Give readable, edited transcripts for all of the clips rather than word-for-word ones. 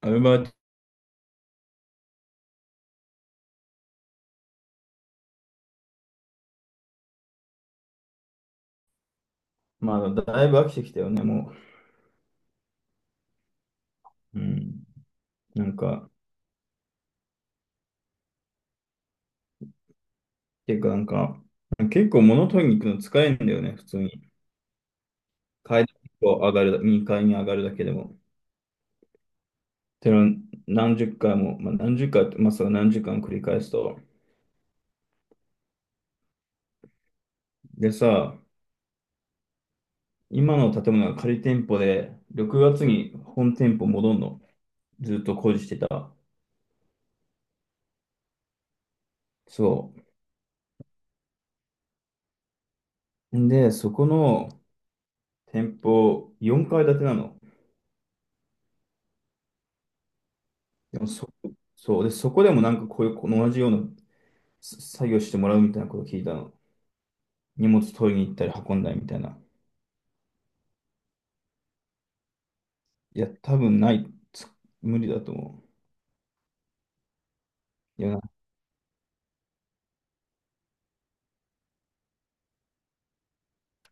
アルバート、まあ、だいぶ飽きてきたよね、もう。うん。なんか、ていうか、なんか、結構物取りに行くの疲れるんだよね、普通に。階段を上がるだ、2階に上がるだけでも。ての何十回も、まあ、何十回、まあ、それ何十回も繰り返すと。でさ、今の建物が仮店舗で、6月に本店舗戻んの。ずっと工事してた。そう。で、そこの店舗、4階建てなの。でもそ、そう。で、そこでもなんかこういう、この同じような作業してもらうみたいなことを聞いたの。荷物取りに行ったり運んだりみたいな。いや、多分ない。無理だと思う。いや、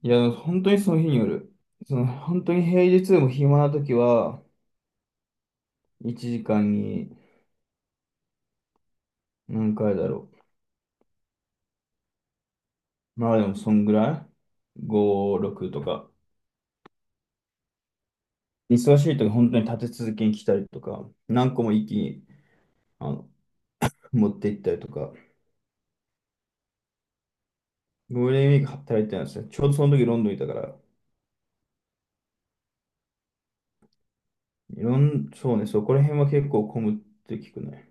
いや、本当にその日による。その、本当に平日でも暇な時は、1時間に何回だろう。まあでも、そんぐらい ?5、6とか。忙しい時、本当に立て続けに来たりとか、何個も一気に、あの、持って行ったりとか。ゴールデンウィーク働いてたんですよ。ちょうどその時ロンドンいたから。いろん、そうね、そこら辺は結構混むって聞くね。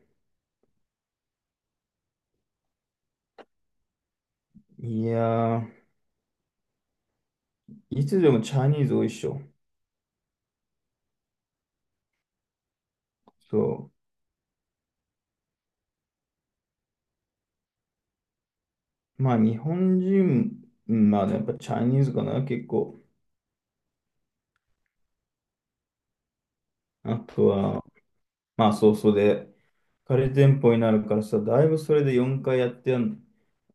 いやー、いつでもチャイニーズ多いっしょ。そう。まあ、日本人、うんまあ、やっぱチャイニーズかな、結構。あとは、まあ、そうそうで、カレー店舗になるからさ、だいぶそれで4回やってやん、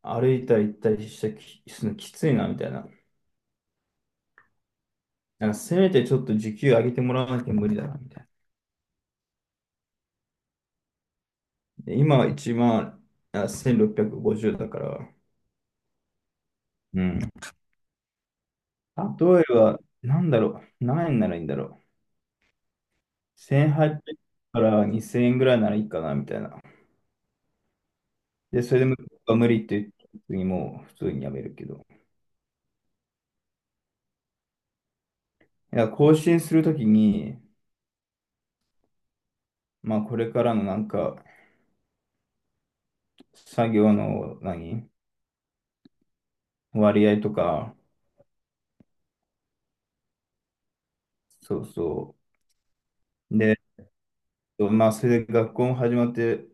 歩いたり行ったりしたき、するのきついな、みたいな。なんかせめてちょっと時給上げてもらわなきゃ無理だな、みたいな。で今は1万、あ、1650だから。うん。例えば、なんだろう、何円ならいいんだろう。1800から2000円ぐらいならいいかな、みたいな。で、それでも無理って言って普通にもう普通にやめるけど。いや、更新するときに、まあ、これからのなんか、作業の何割合とか、そうそう。で、まあ、それで学校も始まって、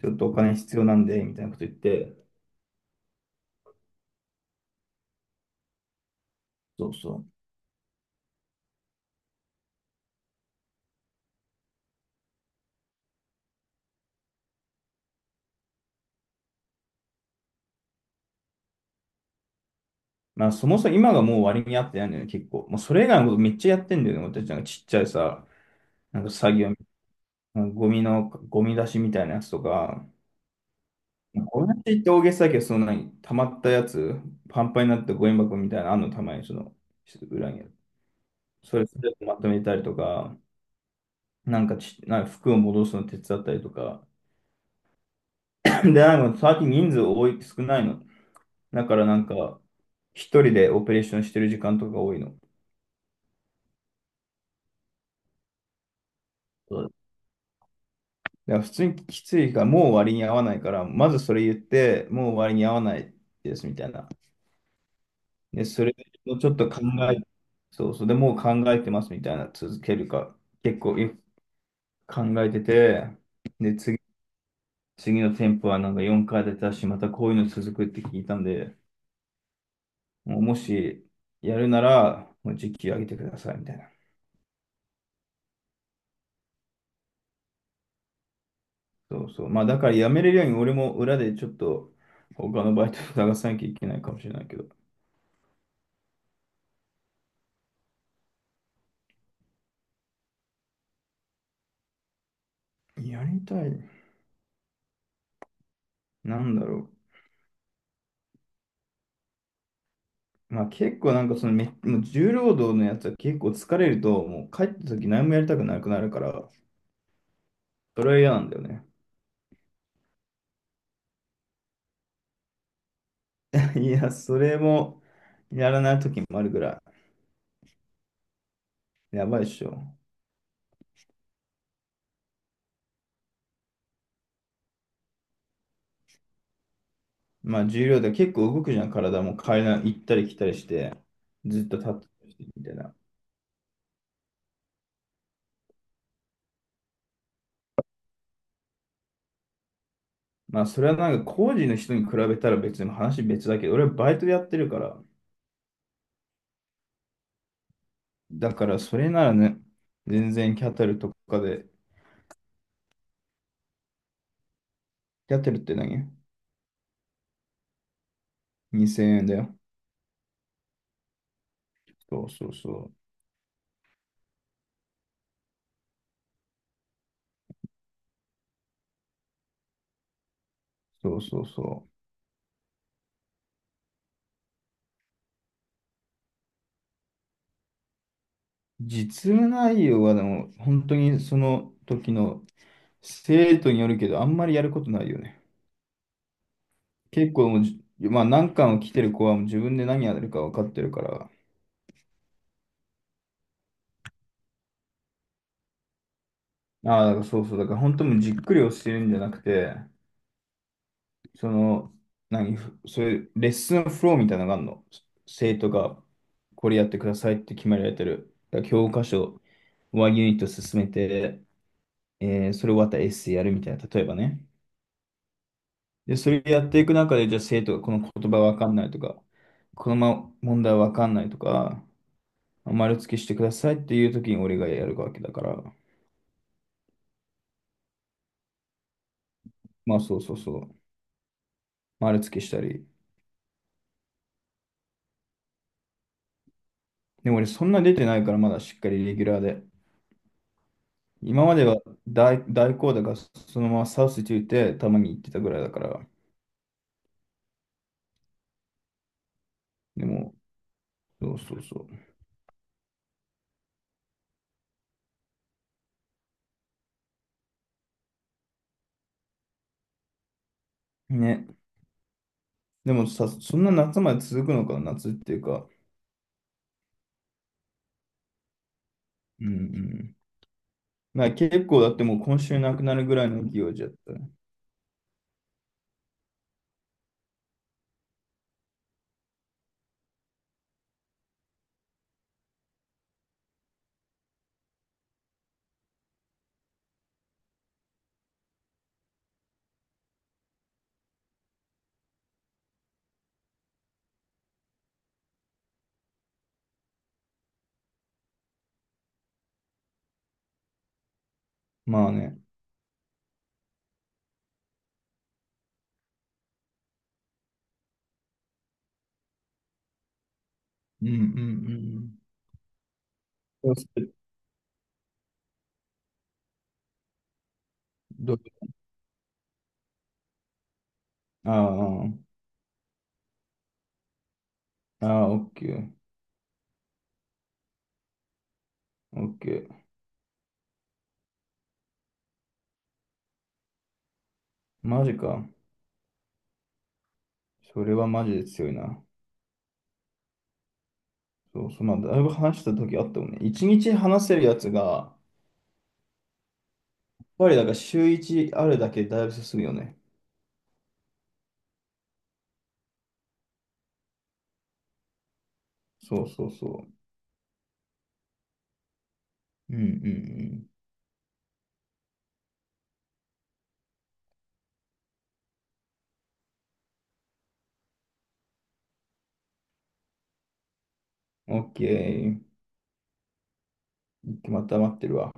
ちょっとお金必要なんで、みたいなこと言って、そうそう。まあ、そもそも今がもう割に合ってないんだよね、結構。もうそれ以外のことめっちゃやってんだよね、俺たちなんかちっちゃいさ、なんか作業、ゴミ出しみたいなやつとか、これって言って大げさだけど、その何、溜まったやつ、パンパンになったゴミ箱みたいなのあんの、たまにその、裏にある。それ全てまとめたりとか、なんかち、なんか服を戻すの手伝ったりとか。で、なんか最近人数多い、少ないの。だからなんか、一人でオペレーションしてる時間とか多いの。そうだから普通にきついから、もう割に合わないから、まずそれ言って、もう割に合わないですみたいな。で、それをちょっとえ、そうそう、でもう考えてますみたいな、続けるか。結構、考えてて、で、次の店舗はなんか4回出たし、またこういうの続くって聞いたんで、もうもしやるなら、もう時給上げてくださいみたいな。そうそう。まあだから辞めれるように俺も裏でちょっと他のバイトを探さなきゃいけないかもしれないけど。やりたい。なんだろう。まあ結構なんかそのめ、もう重労働のやつは結構疲れると、もう帰った時何もやりたくなくなるから、それは嫌なんだよね。いや、それもやらない時もあるぐらい。やばいっしょ。まあ重量で結構動くじゃん、体も階段行ったり来たりして、ずっと立ってるみたいな。まあそれはなんか工事の人に比べたら別に話別だけど、俺はバイトでやってるから、だからそれならね、全然キャタルとかで、キャタルって何 ?2000 円だよ。そうそうそう。そうそうそう。実務内容はでも本当にその時の生徒によるけど、あんまりやることないよね。結構もうじ、まあ何巻を来てる子はもう自分で何やるか分かってるから、ああ、だからそうそう。だから本当もうじっくり教えるんじゃなくて、その、何、そういうレッスンフローみたいなのがあるの。生徒がこれやってくださいって決められてる。だから教科書、1ユニット進めて、それ終わったらエッセイやるみたいな、例えばね。で、それやっていく中で、じゃあ生徒がこの言葉わかんないとか、この問題わかんないとか、丸付けしてくださいっていう時に俺がやるわけだから、まあそうそうそう、丸付けしたり。でも俺そんな出てないからまだしっかりレギュラーで。今までは大好打がそのままサウスティーたまに行ってたぐらいだから。でも、そうそうそう。ね。でもさ、そんな夏まで続くのか、夏っていうか。うんうん。まあ結構だってもう今週なくなるぐらいの勢いじゃったね。まあね。うんうんうんうん。そしてどうああ、ああ、オッケー、オッケー。マジか。それはマジで強いな。そうそう、まあ、だいぶ話した時あったもんね。一日話せるやつが、やっぱりだから週一あるだけでだいぶ進むよね。そうそうそう。うんうんうん。オッケー。また待ってるわ。